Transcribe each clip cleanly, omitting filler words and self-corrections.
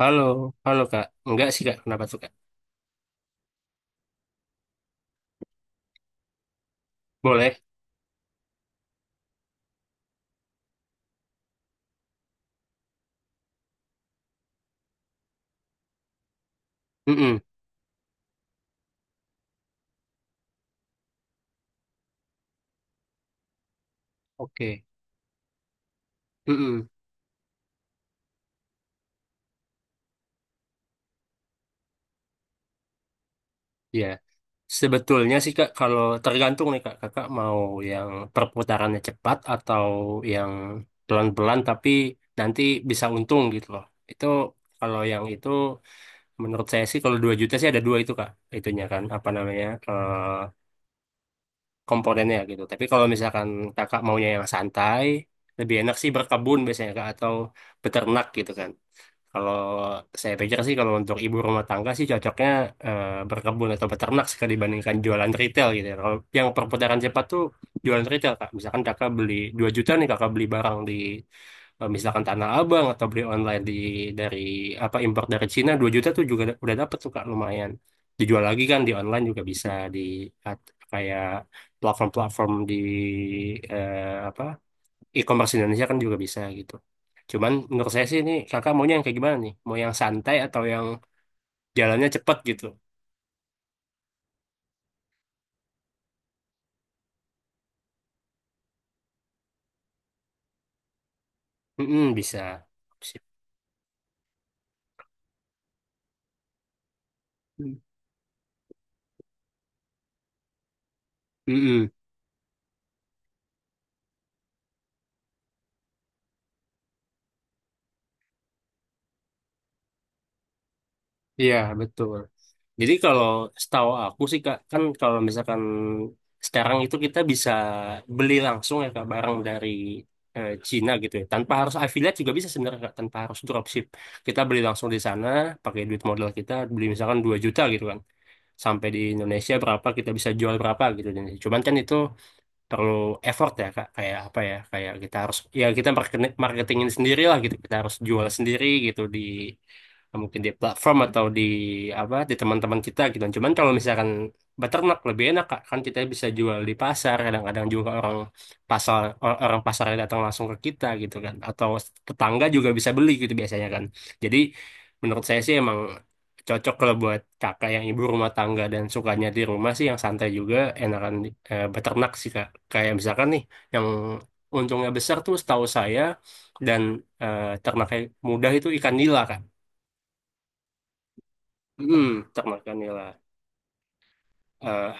Halo, halo Kak. Enggak sih Kak, kenapa tuh Kak? Boleh? Mm-mm. Oke. Mm-mm. Ya. Sebetulnya sih Kak, kalau tergantung nih Kak, Kakak mau yang perputarannya cepat atau yang pelan-pelan tapi nanti bisa untung gitu loh. Itu kalau yang itu menurut saya sih kalau 2 juta sih ada dua itu Kak. Itunya kan apa namanya? Komponennya gitu. Tapi kalau misalkan Kakak maunya yang santai, lebih enak sih berkebun biasanya Kak atau beternak gitu kan. Kalau saya pikir sih kalau untuk ibu rumah tangga sih cocoknya berkebun atau beternak sih kalau dibandingkan jualan retail gitu. Ya. Kalau yang perputaran cepat tuh jualan retail Kak. Misalkan Kakak beli 2 juta nih Kakak beli barang di misalkan Tanah Abang atau beli online di dari apa impor dari Cina 2 juta tuh juga udah dapet tuh Kak lumayan. Dijual lagi kan di online juga bisa di kayak platform-platform di apa e-commerce Indonesia kan juga bisa gitu. Cuman menurut saya sih ini kakak maunya yang kayak gimana nih? Mau yang santai atau yang jalannya cepet gitu? Mm-mm, bisa. Sip. Mm-mm. Iya, betul. Jadi kalau setahu aku sih Kak, kan kalau misalkan sekarang itu kita bisa beli langsung ya Kak barang dari Cina gitu ya. Tanpa harus affiliate juga bisa sebenarnya Kak, tanpa harus dropship. Kita beli langsung di sana pakai duit modal kita beli misalkan 2 juta gitu kan. Sampai di Indonesia berapa kita bisa jual berapa gitu. Cuman kan itu terlalu effort ya kak kayak apa ya kayak kita harus ya kita marketingin sendiri lah gitu kita harus jual sendiri gitu di mungkin di platform atau di apa di teman-teman kita gitu cuman kalau misalkan beternak lebih enak kak kan kita bisa jual di pasar kadang-kadang juga orang pasar orang pasar datang langsung ke kita gitu kan atau tetangga juga bisa beli gitu biasanya kan jadi menurut saya sih emang cocok kalau buat kakak yang ibu rumah tangga dan sukanya di rumah sih yang santai juga enakan beternak sih kak. Kayak misalkan nih, yang untungnya besar tuh setahu saya dan ternaknya mudah itu ikan nila, Kak. Hmm, ternak ikan nila. Eh,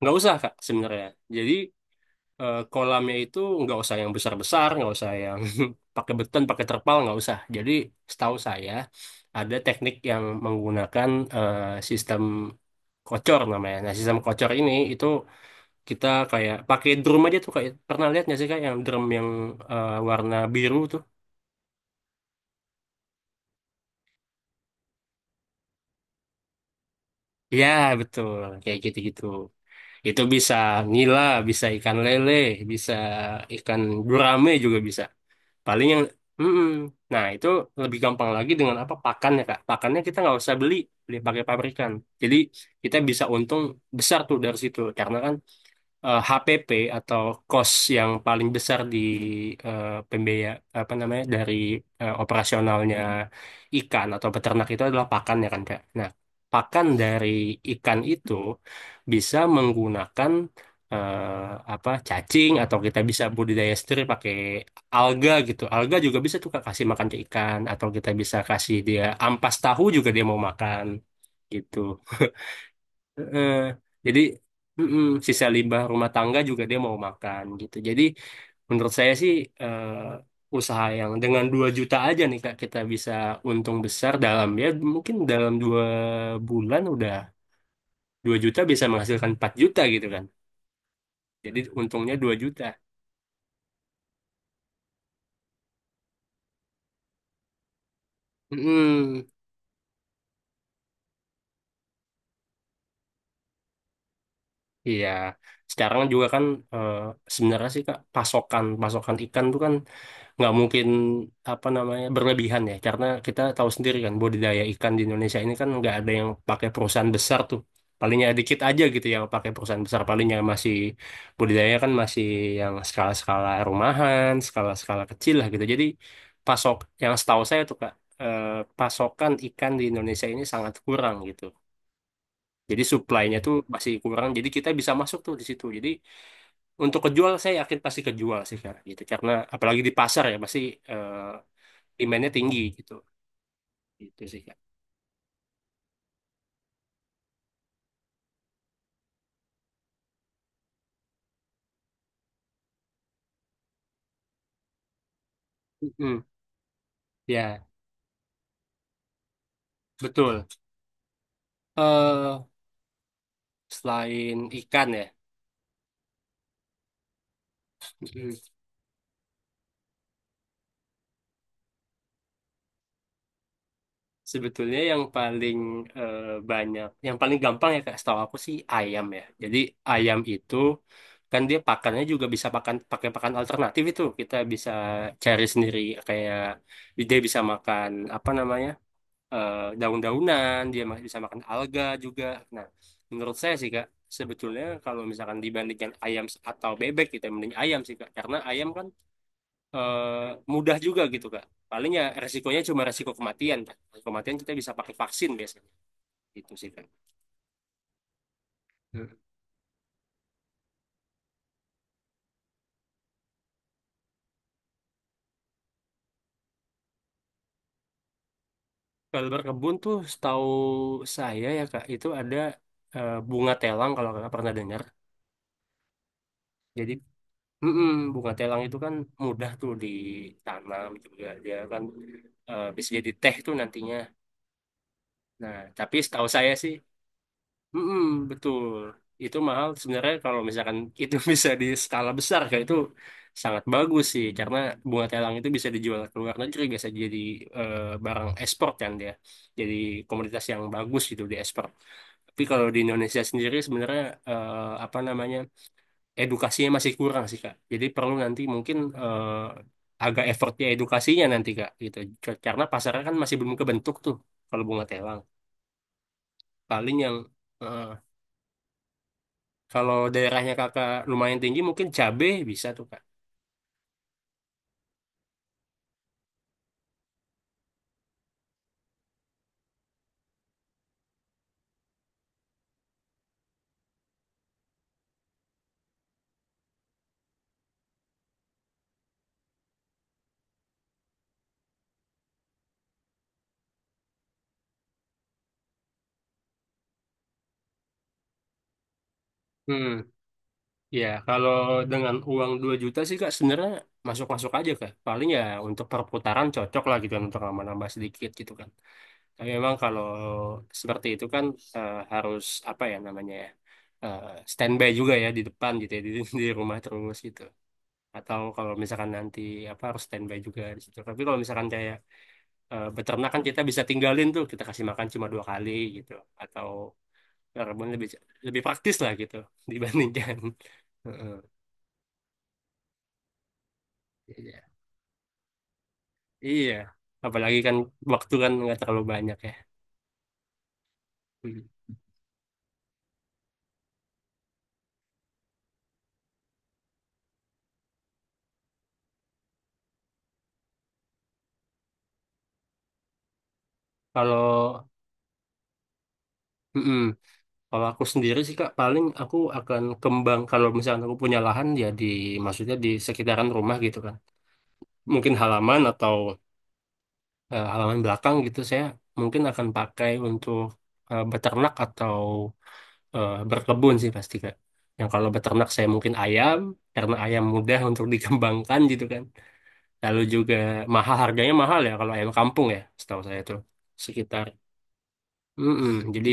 nggak usah, Kak, sebenarnya. Jadi kolamnya itu nggak usah yang besar-besar, nggak usah yang pakai beton, pakai terpal, nggak usah. Jadi setahu saya ada teknik yang menggunakan eh, sistem kocor namanya. Nah, sistem kocor ini itu kita kayak pakai drum aja tuh kayak pernah lihat nggak sih Kak yang drum yang warna biru tuh. Ya, betul. Kayak gitu-gitu. Itu bisa nila, bisa ikan lele, bisa ikan gurame juga bisa. Paling yang, mm-mm. Nah itu lebih gampang lagi dengan apa pakannya kak. Pakannya kita nggak usah beli, beli pakai pabrikan. Jadi kita bisa untung besar tuh dari situ, karena kan HPP atau cost yang paling besar di pembiaya apa namanya dari operasionalnya ikan atau peternak itu adalah pakan ya kan Kak. Nah, pakan dari ikan itu bisa menggunakan eh, apa cacing atau kita bisa budidaya sendiri pakai alga gitu. Alga juga bisa tuh Kak kasih makan ke ikan atau kita bisa kasih dia ampas tahu juga dia mau makan gitu. Eh, jadi mm-mm, sisa limbah rumah tangga juga dia mau makan gitu. Jadi menurut saya sih eh, usaha yang dengan 2 juta aja nih Kak kita bisa untung besar dalam ya mungkin dalam dua bulan udah 2 juta bisa menghasilkan 4 juta gitu kan. Jadi untungnya 2 juta. Mm-mm. Iya, sekarang juga kan eh, sebenarnya sih Kak pasokan pasokan ikan tuh kan nggak mungkin apa namanya berlebihan ya karena kita tahu sendiri kan budidaya ikan di Indonesia ini kan nggak ada yang pakai perusahaan besar tuh palingnya dikit aja gitu yang pakai perusahaan besar palingnya masih budidaya kan masih yang skala-skala rumahan skala-skala kecil lah gitu jadi pasok yang setahu saya tuh Kak eh, pasokan ikan di Indonesia ini sangat kurang gitu jadi supply-nya tuh masih kurang jadi kita bisa masuk tuh di situ jadi untuk kejual saya yakin pasti kejual sih Kak gitu karena apalagi di pasar ya pasti eh, demandnya tinggi gitu gitu sih kak. Mm-mm. Ya betul. eh Selain ikan ya. mm, Sebetulnya yang paling eh, banyak yang paling gampang ya kak setahu aku sih ayam ya jadi ayam itu kan dia pakannya juga bisa pakan pakai pakan alternatif itu kita bisa cari sendiri kayak dia bisa makan apa namanya daun-daunan, dia masih bisa makan alga juga. Nah, menurut saya sih Kak, sebetulnya kalau misalkan dibandingkan ayam atau bebek gitu, ya, mending ayam sih Kak, karena ayam kan eh, mudah juga gitu Kak. Palingnya resikonya cuma resiko kematian. Kak. Resiko Kematian kita bisa pakai vaksin biasanya. Itu sih Kak. Hmm. Kalau berkebun tuh setahu saya ya Kak, itu ada bunga telang kalau Kakak pernah dengar. Jadi mm-mm, bunga telang itu kan mudah tuh ditanam juga dia kan bisa jadi teh tuh nantinya. Nah, tapi setahu saya sih, mm-mm, betul itu mahal sebenarnya kalau misalkan itu bisa di skala besar kayak itu sangat bagus sih karena bunga telang itu bisa dijual ke luar negeri bisa jadi eh, barang ekspor kan dia. Jadi komoditas yang bagus gitu di ekspor. Tapi kalau di Indonesia sendiri sebenarnya apa namanya edukasinya masih kurang sih Kak. Jadi perlu nanti mungkin agak effortnya edukasinya nanti Kak gitu. Karena pasarnya kan masih belum kebentuk tuh kalau bunga telang. Paling yang eh, kalau daerahnya Kakak lumayan tinggi mungkin cabe bisa tuh Kak. Hmm, ya kalau dengan uang 2 juta sih Kak sebenarnya masuk-masuk aja Kak. Paling ya untuk perputaran cocok lah gitu kan untuk nambah-nambah sedikit gitu kan. Tapi memang kalau seperti itu kan harus apa ya namanya ya eh, standby juga ya di depan gitu ya di rumah terus gitu. Atau kalau misalkan nanti apa harus standby juga di situ. Tapi kalau misalkan kayak beternak kan kita bisa tinggalin tuh kita kasih makan cuma dua kali gitu. Atau rebun lebih lebih praktis lah gitu dibandingkan. Heeh. Iya. Iya. Apalagi kan waktu kan nggak terlalu banyak ya. Hmm. Kalau mm-mm. Kalau aku sendiri sih Kak, paling aku akan kembang kalau misalkan aku punya lahan ya di maksudnya di sekitaran rumah gitu kan. Mungkin halaman atau halaman belakang gitu saya mungkin akan pakai untuk beternak atau berkebun sih pasti Kak. Yang kalau beternak saya mungkin ayam karena ayam mudah untuk dikembangkan gitu kan. Lalu juga mahal harganya mahal ya kalau ayam kampung ya setahu saya tuh sekitar. Mm-mm. Jadi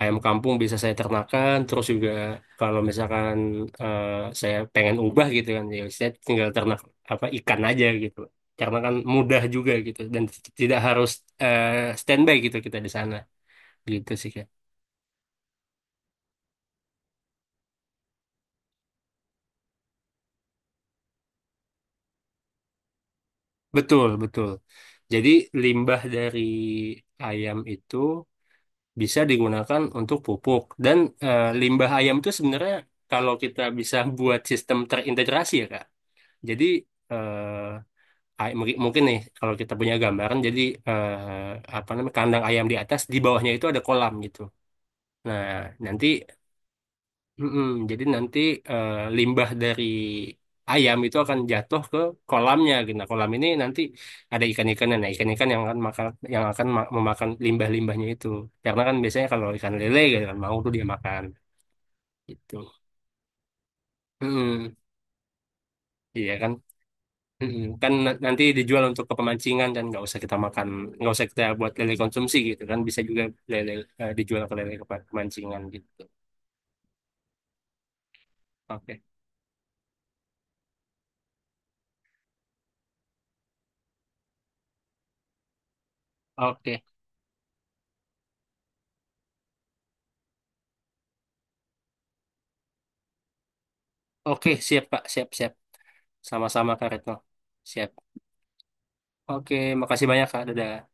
ayam kampung bisa saya ternakan terus juga kalau misalkan eh, saya pengen ubah gitu kan ya saya tinggal ternak apa ikan aja gitu karena kan mudah juga gitu dan tidak harus eh, standby gitu kita di sana gitu sih Kak. Betul betul jadi limbah dari ayam itu bisa digunakan untuk pupuk dan limbah ayam itu sebenarnya kalau kita bisa buat sistem terintegrasi ya Kak jadi eh, mungkin mungkin nih kalau kita punya gambaran jadi apa namanya kandang ayam di atas di bawahnya itu ada kolam gitu nah nanti mm-mm, jadi nanti limbah dari ayam itu akan jatuh ke kolamnya gitu nah kolam ini nanti ada ikan-ikannya nah ikan-ikan yang akan makan yang akan memakan limbah-limbahnya itu karena kan biasanya kalau ikan lele gitu kan mau tuh dia makan gitu. Mm-mm. Iya kan. Mm-mm. Kan nanti dijual untuk kepemancingan dan nggak usah kita makan, nggak usah kita buat lele konsumsi gitu kan bisa juga lele dijual ke lele kemancingan gitu. Oke, oke, oke siap Kak, siap siap, sama-sama Kak Retno, siap. Oke, makasih banyak Kak, dadah.